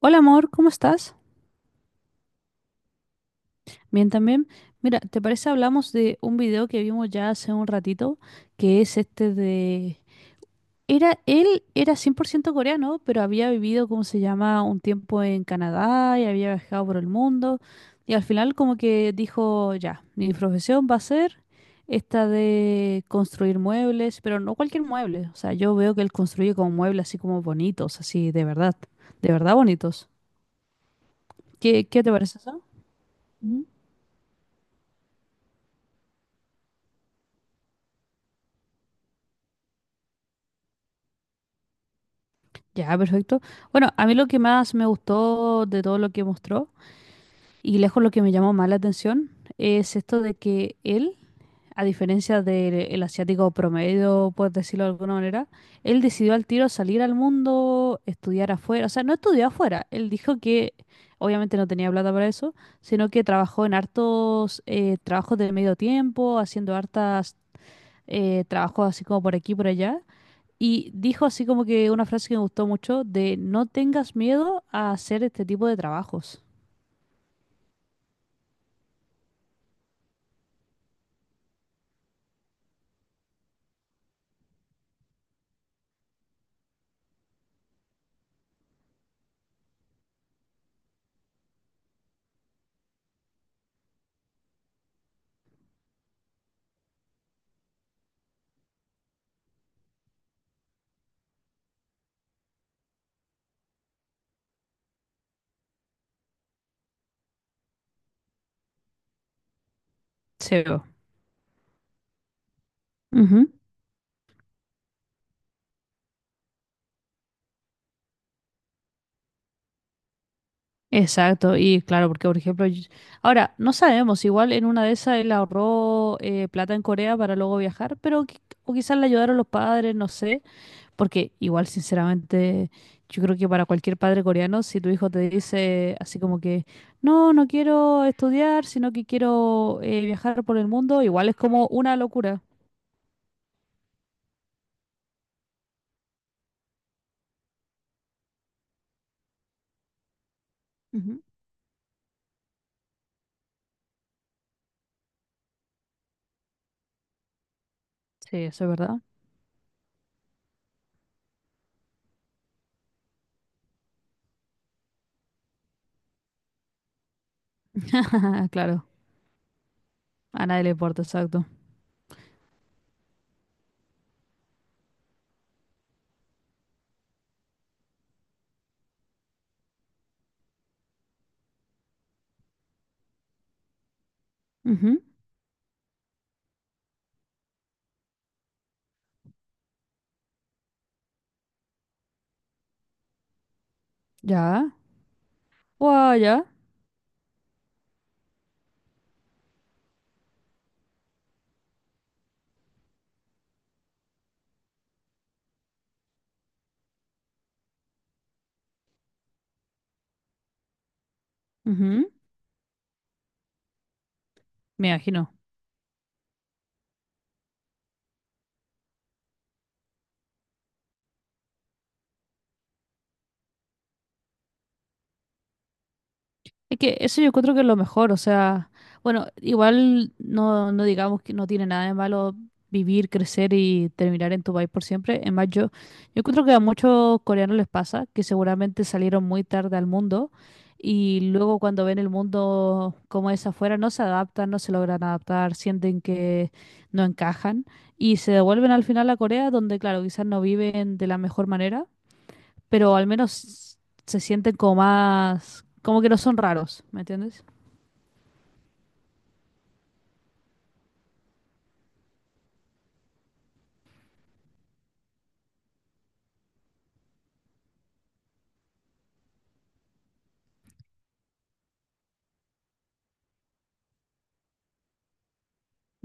Hola amor, ¿cómo estás? Bien también. Mira, ¿te parece hablamos de un video que vimos ya hace un ratito, que es este de. Él era 100% coreano, pero había vivido, ¿cómo se llama?, un tiempo en Canadá y había viajado por el mundo. Y al final como que dijo, ya, mi profesión va a ser esta de construir muebles, pero no cualquier mueble. O sea, yo veo que él construye como muebles así como bonitos, así de verdad bonitos. ¿Qué te parece eso? Ya, perfecto. Bueno, a mí lo que más me gustó de todo lo que mostró, y lejos lo que me llamó más la atención, es esto de que él, a diferencia del asiático promedio, por decirlo de alguna manera, él decidió al tiro salir al mundo, estudiar afuera. O sea, no estudió afuera. Él dijo que obviamente no tenía plata para eso, sino que trabajó en hartos trabajos de medio tiempo, haciendo hartas trabajos así como por aquí y por allá. Y dijo así como que una frase que me gustó mucho de no tengas miedo a hacer este tipo de trabajos. SEO. Ujú. Exacto, y claro, porque por ejemplo, ahora no sabemos, igual en una de esas él ahorró plata en Corea para luego viajar, pero o quizás le ayudaron los padres, no sé, porque igual sinceramente yo creo que para cualquier padre coreano, si tu hijo te dice así como que, no, no quiero estudiar, sino que quiero viajar por el mundo, igual es como una locura. Sí, eso es verdad. Claro, a nadie le importa, exacto. Ujú. Ya. Guau, ya. Ujú. Me imagino. Es que eso yo creo que es lo mejor, o sea, bueno, igual no, no digamos que no tiene nada de malo vivir, crecer y terminar en tu país por siempre. Es más, yo encuentro que a muchos coreanos les pasa que seguramente salieron muy tarde al mundo y luego cuando ven el mundo como es afuera no se adaptan, no se logran adaptar, sienten que no encajan y se devuelven al final a Corea donde, claro, quizás no viven de la mejor manera pero al menos se sienten como más, como que no son raros, ¿me entiendes?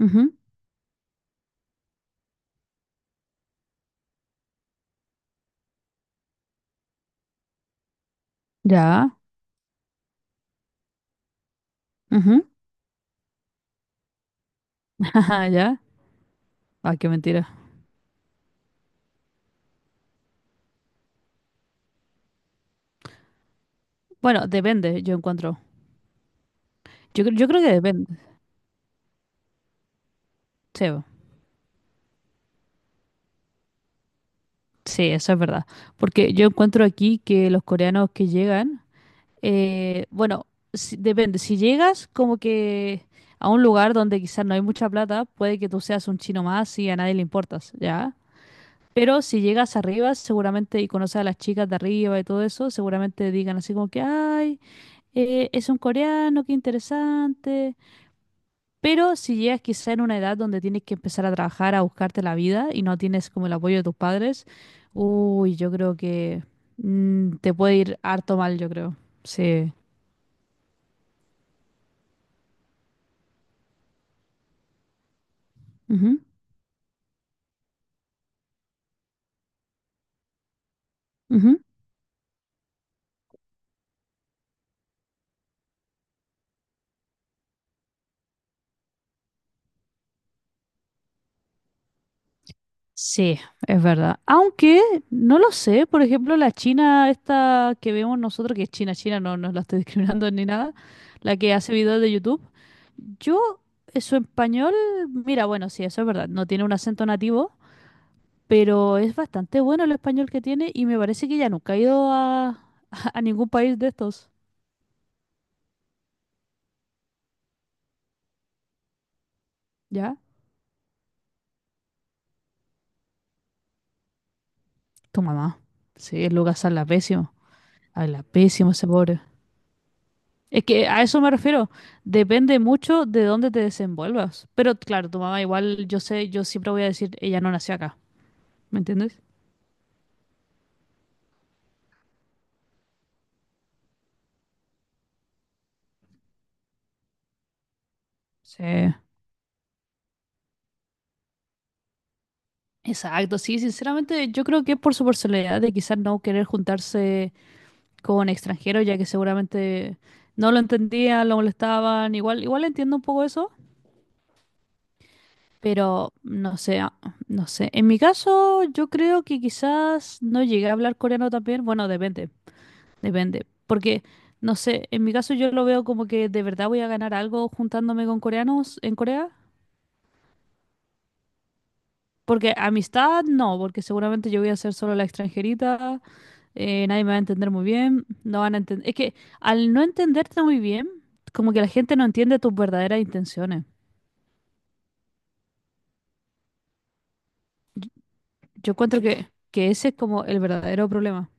Ujú. Ya, ujú, ajá, ya. Ah, qué mentira. Bueno, depende, yo encuentro. Yo creo que depende, sí, bo. Sí, eso es verdad. Porque yo encuentro aquí que los coreanos que llegan, bueno, depende. Si llegas como que a un lugar donde quizás no hay mucha plata, puede que tú seas un chino más y a nadie le importas, ¿ya? Pero si llegas arriba, seguramente, y conoces a las chicas de arriba y todo eso, seguramente digan así como que, ay, es un coreano, qué interesante. Pero si llegas quizá en una edad donde tienes que empezar a trabajar, a buscarte la vida y no tienes como el apoyo de tus padres, uy, yo creo que mm, te puede ir harto mal, yo creo. Sí. Ujú, ujú. Sí, es verdad. Aunque no lo sé, por ejemplo, la China esta que vemos nosotros, que es China, China, no, no la estoy discriminando ni nada, la que hace videos de YouTube, yo, su español, mira, bueno, sí, eso es verdad, no tiene un acento nativo, pero es bastante bueno el español que tiene y me parece que ya nunca ha ido a, a ningún país de estos, ¿ya? Tu mamá, sí, el Lucas habla pésimo ese pobre. Es que a eso me refiero. Depende mucho de dónde te desenvuelvas. Pero claro, tu mamá igual, yo sé, yo siempre voy a decir, ella no nació acá. ¿Me entiendes? Sí. Exacto, sí, sinceramente yo creo que es por su personalidad de quizás no querer juntarse con extranjeros, ya que seguramente no lo entendían, lo molestaban, igual, igual entiendo un poco eso, pero no sé, ah, no sé. En mi caso, yo creo que quizás no llegué a hablar coreano también, bueno, depende. Depende. Porque, no sé, en mi caso yo lo veo como que de verdad voy a ganar algo juntándome con coreanos en Corea. Porque amistad no, porque seguramente yo voy a ser solo la extranjerita, nadie me va a entender muy bien, no van a entender. Es que al no entenderte muy bien, como que la gente no entiende tus verdaderas intenciones. Yo encuentro que ese es como el verdadero problema.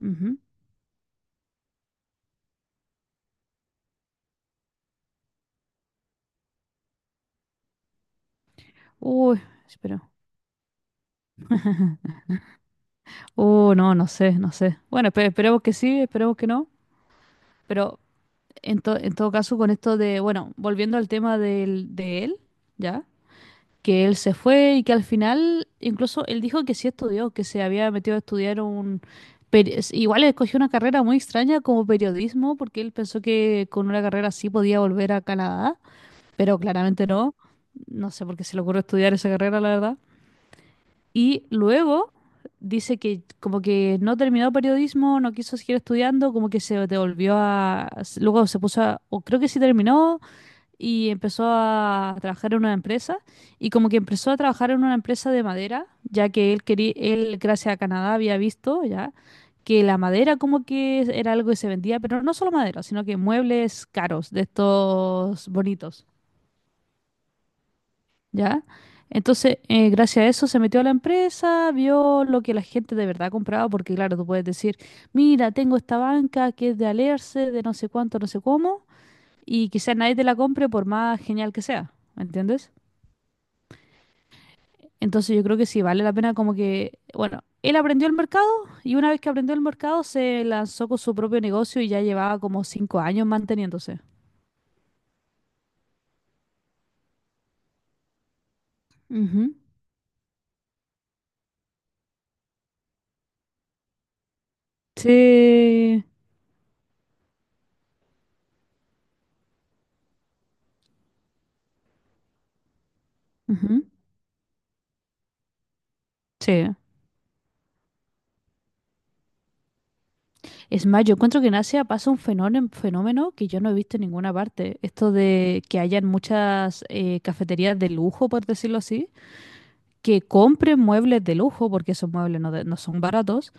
Ujú. Uy, espero. No, no sé, no sé. Bueno, esperemos que sí, esperemos que no. Pero En todo caso, con esto de, bueno, volviendo al tema del, de él, ¿ya? Que él se fue y que al final, incluso él dijo que sí estudió, que se había metido a estudiar un. Igual escogió una carrera muy extraña como periodismo, porque él pensó que con una carrera así podía volver a Canadá, pero claramente no. No sé por qué se le ocurrió estudiar esa carrera, la verdad. Y luego dice que como que no terminó periodismo, no quiso seguir estudiando, como que se devolvió a. Luego se puso a. O creo que sí terminó y empezó a trabajar en una empresa. Y como que empezó a trabajar en una empresa de madera, ya que él quería, él gracias a Canadá había visto ya que la madera como que era algo que se vendía, pero no solo madera, sino que muebles caros, de estos bonitos. ¿Ya? Entonces, gracias a eso se metió a la empresa, vio lo que la gente de verdad compraba, porque claro, tú puedes decir, mira, tengo esta banca que es de Alerce, de no sé cuánto, no sé cómo, y quizás nadie te la compre por más genial que sea, ¿me entiendes? Entonces yo creo que sí, vale la pena como que, bueno, él aprendió el mercado y una vez que aprendió el mercado se lanzó con su propio negocio y ya llevaba como 5 años manteniéndose. Ujú. Sí. Ujú. Sí. Es más, yo encuentro que en Asia pasa un fenómeno, fenómeno que yo no he visto en ninguna parte. Esto de que hayan muchas cafeterías de lujo, por decirlo así, que compren muebles de lujo, porque esos muebles no, no son baratos.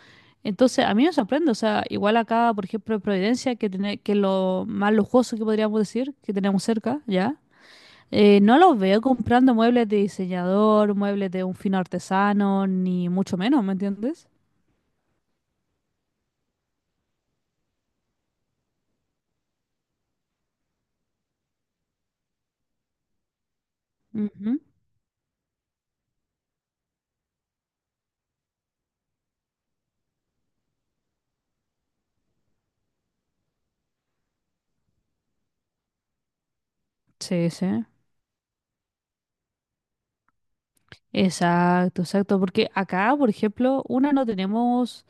Entonces, a mí me sorprende. O sea, igual acá, por ejemplo, en Providencia, que es lo más lujoso que podríamos decir, que tenemos cerca, ¿ya? No los veo comprando muebles de diseñador, muebles de un fino artesano, ni mucho menos, ¿me entiendes? Ujú. Sí, sí. Exacto, exacto, porque acá, por ejemplo, una no tenemos,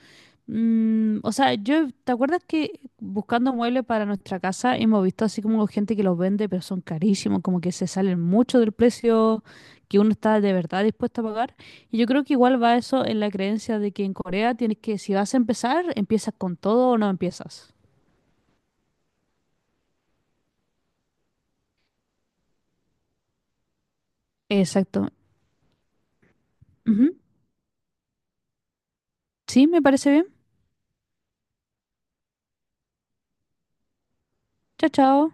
mm, o sea, yo, ¿te acuerdas que buscando muebles para nuestra casa hemos visto así como gente que los vende, pero son carísimos, como que se salen mucho del precio que uno está de verdad dispuesto a pagar? Y yo creo que igual va eso en la creencia de que en Corea tienes que, si vas a empezar, empiezas con todo o no empiezas. Exacto. Ujú. Sí, me parece bien. Chao, chao.